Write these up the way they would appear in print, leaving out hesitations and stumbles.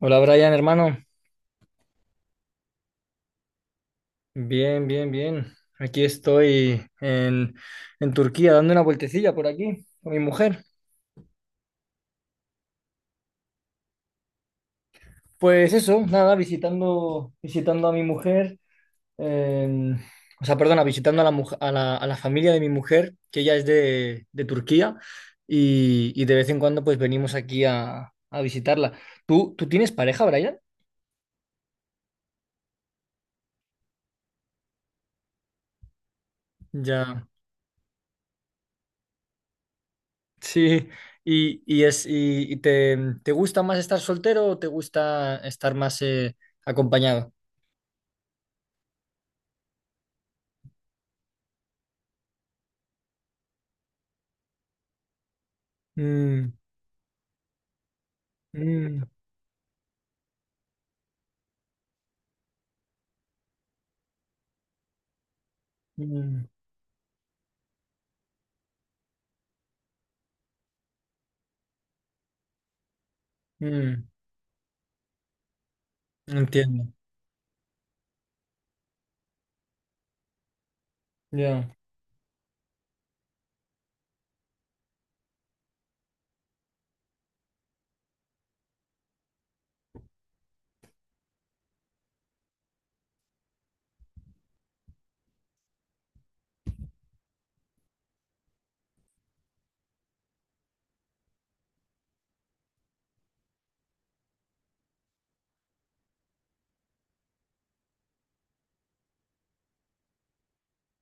Hola Brian, hermano. Bien, bien, bien. Aquí estoy en Turquía dando una vueltecilla por aquí con mi mujer. Pues eso, nada, visitando, visitando a mi mujer, eh, o sea, perdona, visitando a la familia de mi mujer, que ella es de Turquía, y de vez en cuando pues venimos aquí a visitarla. ¿Tú tienes pareja, Brian? Ya. Sí, y es, y te, ¿te gusta más estar soltero o te gusta estar más acompañado? Mm, mm, mm, mm, entiendo. Ya.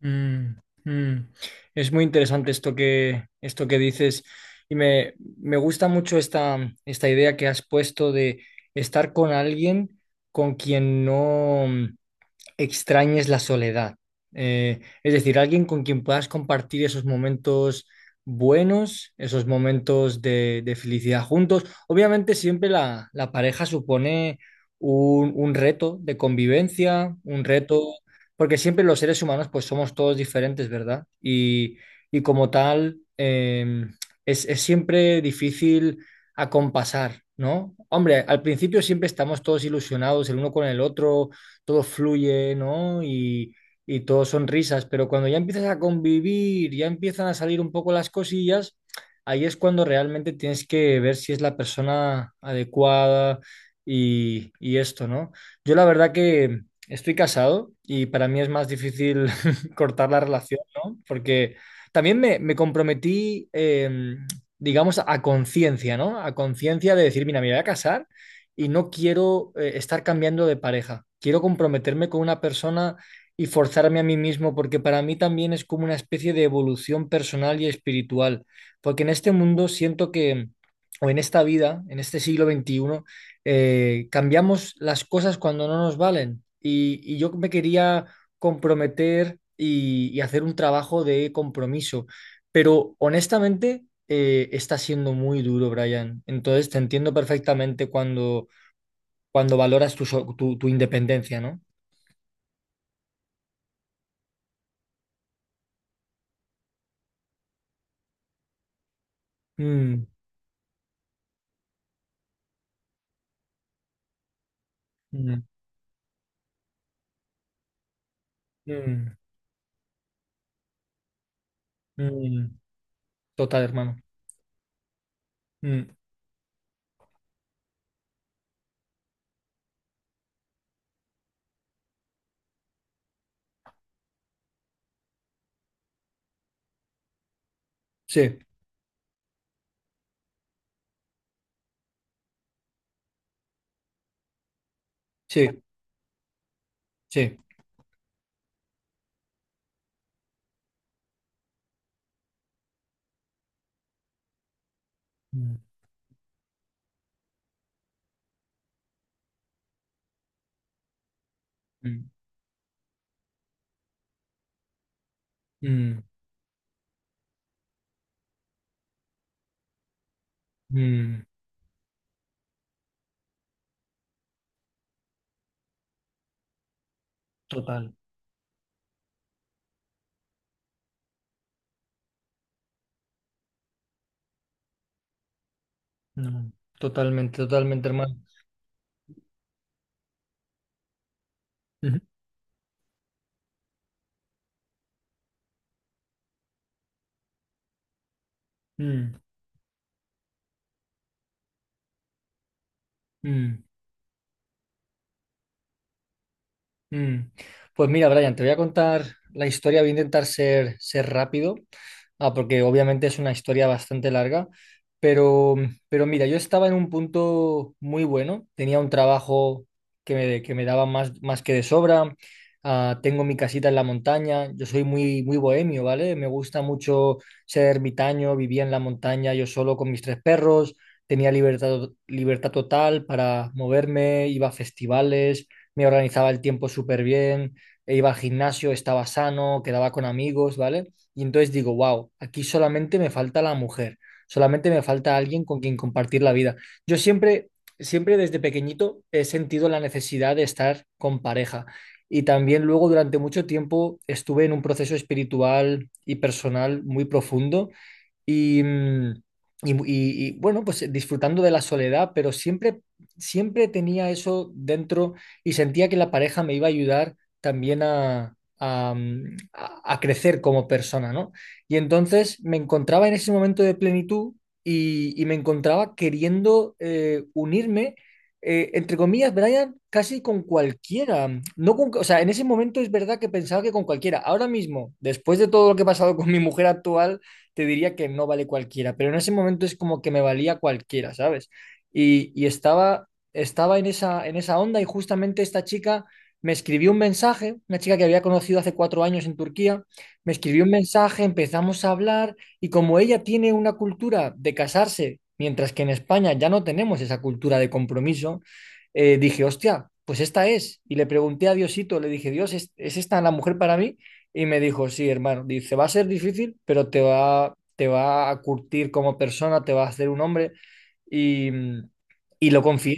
Mm, mm. Es muy interesante esto que dices y me gusta mucho esta, esta idea que has puesto de estar con alguien con quien no extrañes la soledad. Es decir, alguien con quien puedas compartir esos momentos buenos, esos momentos de felicidad juntos. Obviamente siempre la, la pareja supone un reto de convivencia, un reto, porque siempre los seres humanos pues somos todos diferentes, ¿verdad? Y como tal, es siempre difícil acompasar, ¿no? Hombre, al principio siempre estamos todos ilusionados el uno con el otro, todo fluye, ¿no? Y todo son risas, pero cuando ya empiezas a convivir, ya empiezan a salir un poco las cosillas, ahí es cuando realmente tienes que ver si es la persona adecuada y esto, ¿no? Yo la verdad que estoy casado y para mí es más difícil cortar la relación, ¿no? Porque también me comprometí, digamos, a conciencia, ¿no? A conciencia de decir, mira, me voy a casar y no quiero estar cambiando de pareja. Quiero comprometerme con una persona y forzarme a mí mismo, porque para mí también es como una especie de evolución personal y espiritual, porque en este mundo siento que, o en esta vida, en este siglo XXI, cambiamos las cosas cuando no nos valen. Y yo me quería comprometer y hacer un trabajo de compromiso, pero honestamente, está siendo muy duro, Brian. Entonces te entiendo perfectamente cuando, cuando valoras tu independencia, ¿no? Mm, mm, mm, mm. Total, hermano. Mm, sí, sí, sí. Mm, mm, mm, mm. Total, no, totalmente, totalmente, hermano. Ujú. Mm, mm. Mm. Pues mira, Brian, te voy a contar la historia. Voy a intentar ser, ser rápido, ah, porque obviamente es una historia bastante larga. Pero, pero mira, yo estaba en un punto muy bueno. Tenía un trabajo que me daba más, más que de sobra. Ah, tengo mi casita en la montaña. Yo soy muy, muy bohemio, ¿vale? Me gusta mucho ser ermitaño. Vivía en la montaña yo solo con mis tres perros. Tenía libertad, libertad total para moverme. Iba a festivales, me organizaba el tiempo súper bien, e iba al gimnasio, estaba sano, quedaba con amigos, ¿vale? Y entonces digo, wow, aquí solamente me falta la mujer, solamente me falta alguien con quien compartir la vida. Yo siempre, siempre desde pequeñito he sentido la necesidad de estar con pareja. Y también luego durante mucho tiempo estuve en un proceso espiritual y personal muy profundo y, mm, y, bueno, pues disfrutando de la soledad, pero siempre, siempre tenía eso dentro y sentía que la pareja me iba a ayudar también a, a crecer como persona, ¿no? Y entonces me encontraba en ese momento de plenitud y me encontraba queriendo unirme, entre comillas, Brian, casi con cualquiera. No con, o sea, en ese momento es verdad que pensaba que con cualquiera. Ahora mismo, después de todo lo que he pasado con mi mujer actual, te diría que no vale cualquiera, pero en ese momento es como que me valía cualquiera, ¿sabes? Y estaba, estaba en esa onda y justamente esta chica me escribió un mensaje, una chica que había conocido hace 4 años en Turquía, me escribió un mensaje, empezamos a hablar y como ella tiene una cultura de casarse, mientras que en España ya no tenemos esa cultura de compromiso, dije, hostia, pues esta es. Y le pregunté a Diosito, le dije, Dios, es esta la mujer para mí? Y me dijo, sí, hermano, dice, va a ser difícil, pero te va a curtir como persona, te va a hacer un hombre. Y, mm, y lo confié.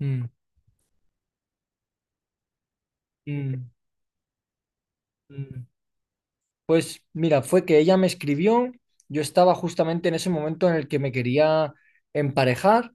Mm, mm, mm. Pues mira, fue que ella me escribió, yo estaba justamente en ese momento en el que me quería emparejar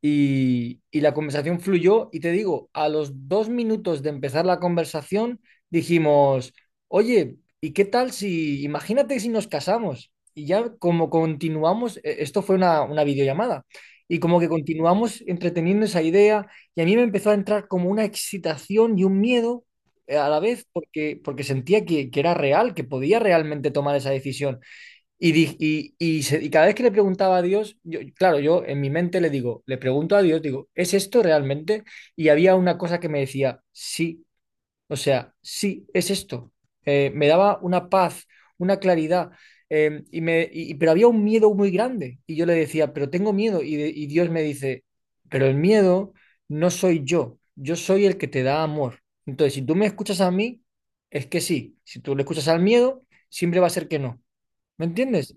y la conversación fluyó y te digo, a los 2 minutos de empezar la conversación dijimos, oye, ¿y qué tal si, imagínate si nos casamos? Y ya como continuamos, esto fue una videollamada, y como que continuamos entreteniendo esa idea y a mí me empezó a entrar como una excitación y un miedo a la vez porque, porque sentía que era real, que podía realmente tomar esa decisión. Y cada vez que le preguntaba a Dios, yo, claro, yo en mi mente le digo, le pregunto a Dios, digo, ¿es esto realmente? Y había una cosa que me decía, sí, o sea, sí, es esto. Me daba una paz, una claridad, pero había un miedo muy grande. Y yo le decía, pero tengo miedo. Y Dios me dice, pero el miedo no soy yo, yo soy el que te da amor. Entonces, si tú me escuchas a mí, es que sí. Si tú le escuchas al miedo, siempre va a ser que no. ¿Me entiendes?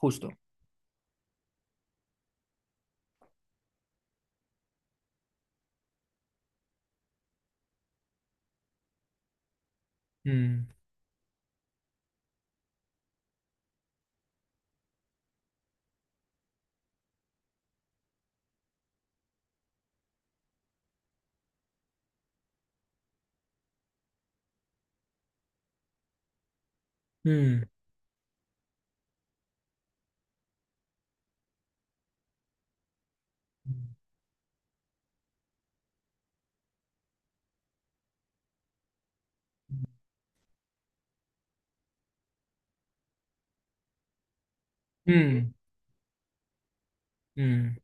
Justo. Mm, mm, mm, mm.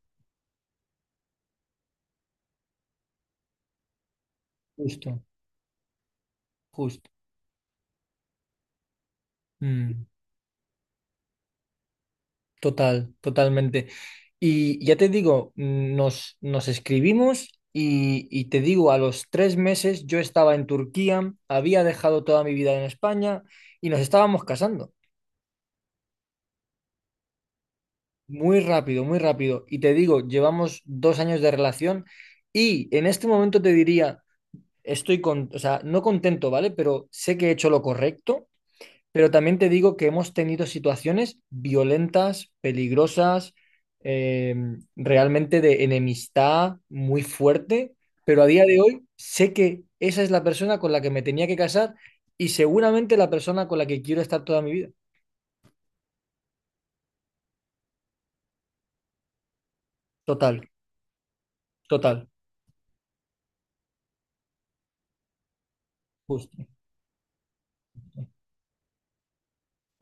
Justo, justo. Mm. Total, totalmente. Y ya te digo, nos, nos escribimos y te digo, a los 3 meses yo estaba en Turquía, había dejado toda mi vida en España y nos estábamos casando. Muy rápido, muy rápido. Y te digo, llevamos 2 años de relación y en este momento te diría, estoy con, o sea, no contento, ¿vale? Pero sé que he hecho lo correcto. Pero también te digo que hemos tenido situaciones violentas, peligrosas, eh, realmente de enemistad muy fuerte, pero a día de hoy sé que esa es la persona con la que me tenía que casar y seguramente la persona con la que quiero estar toda mi vida. Total, total, justo.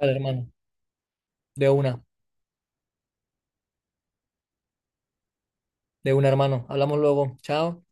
Vale, hermano, de una, de una, hermano. Hablamos luego. Chao.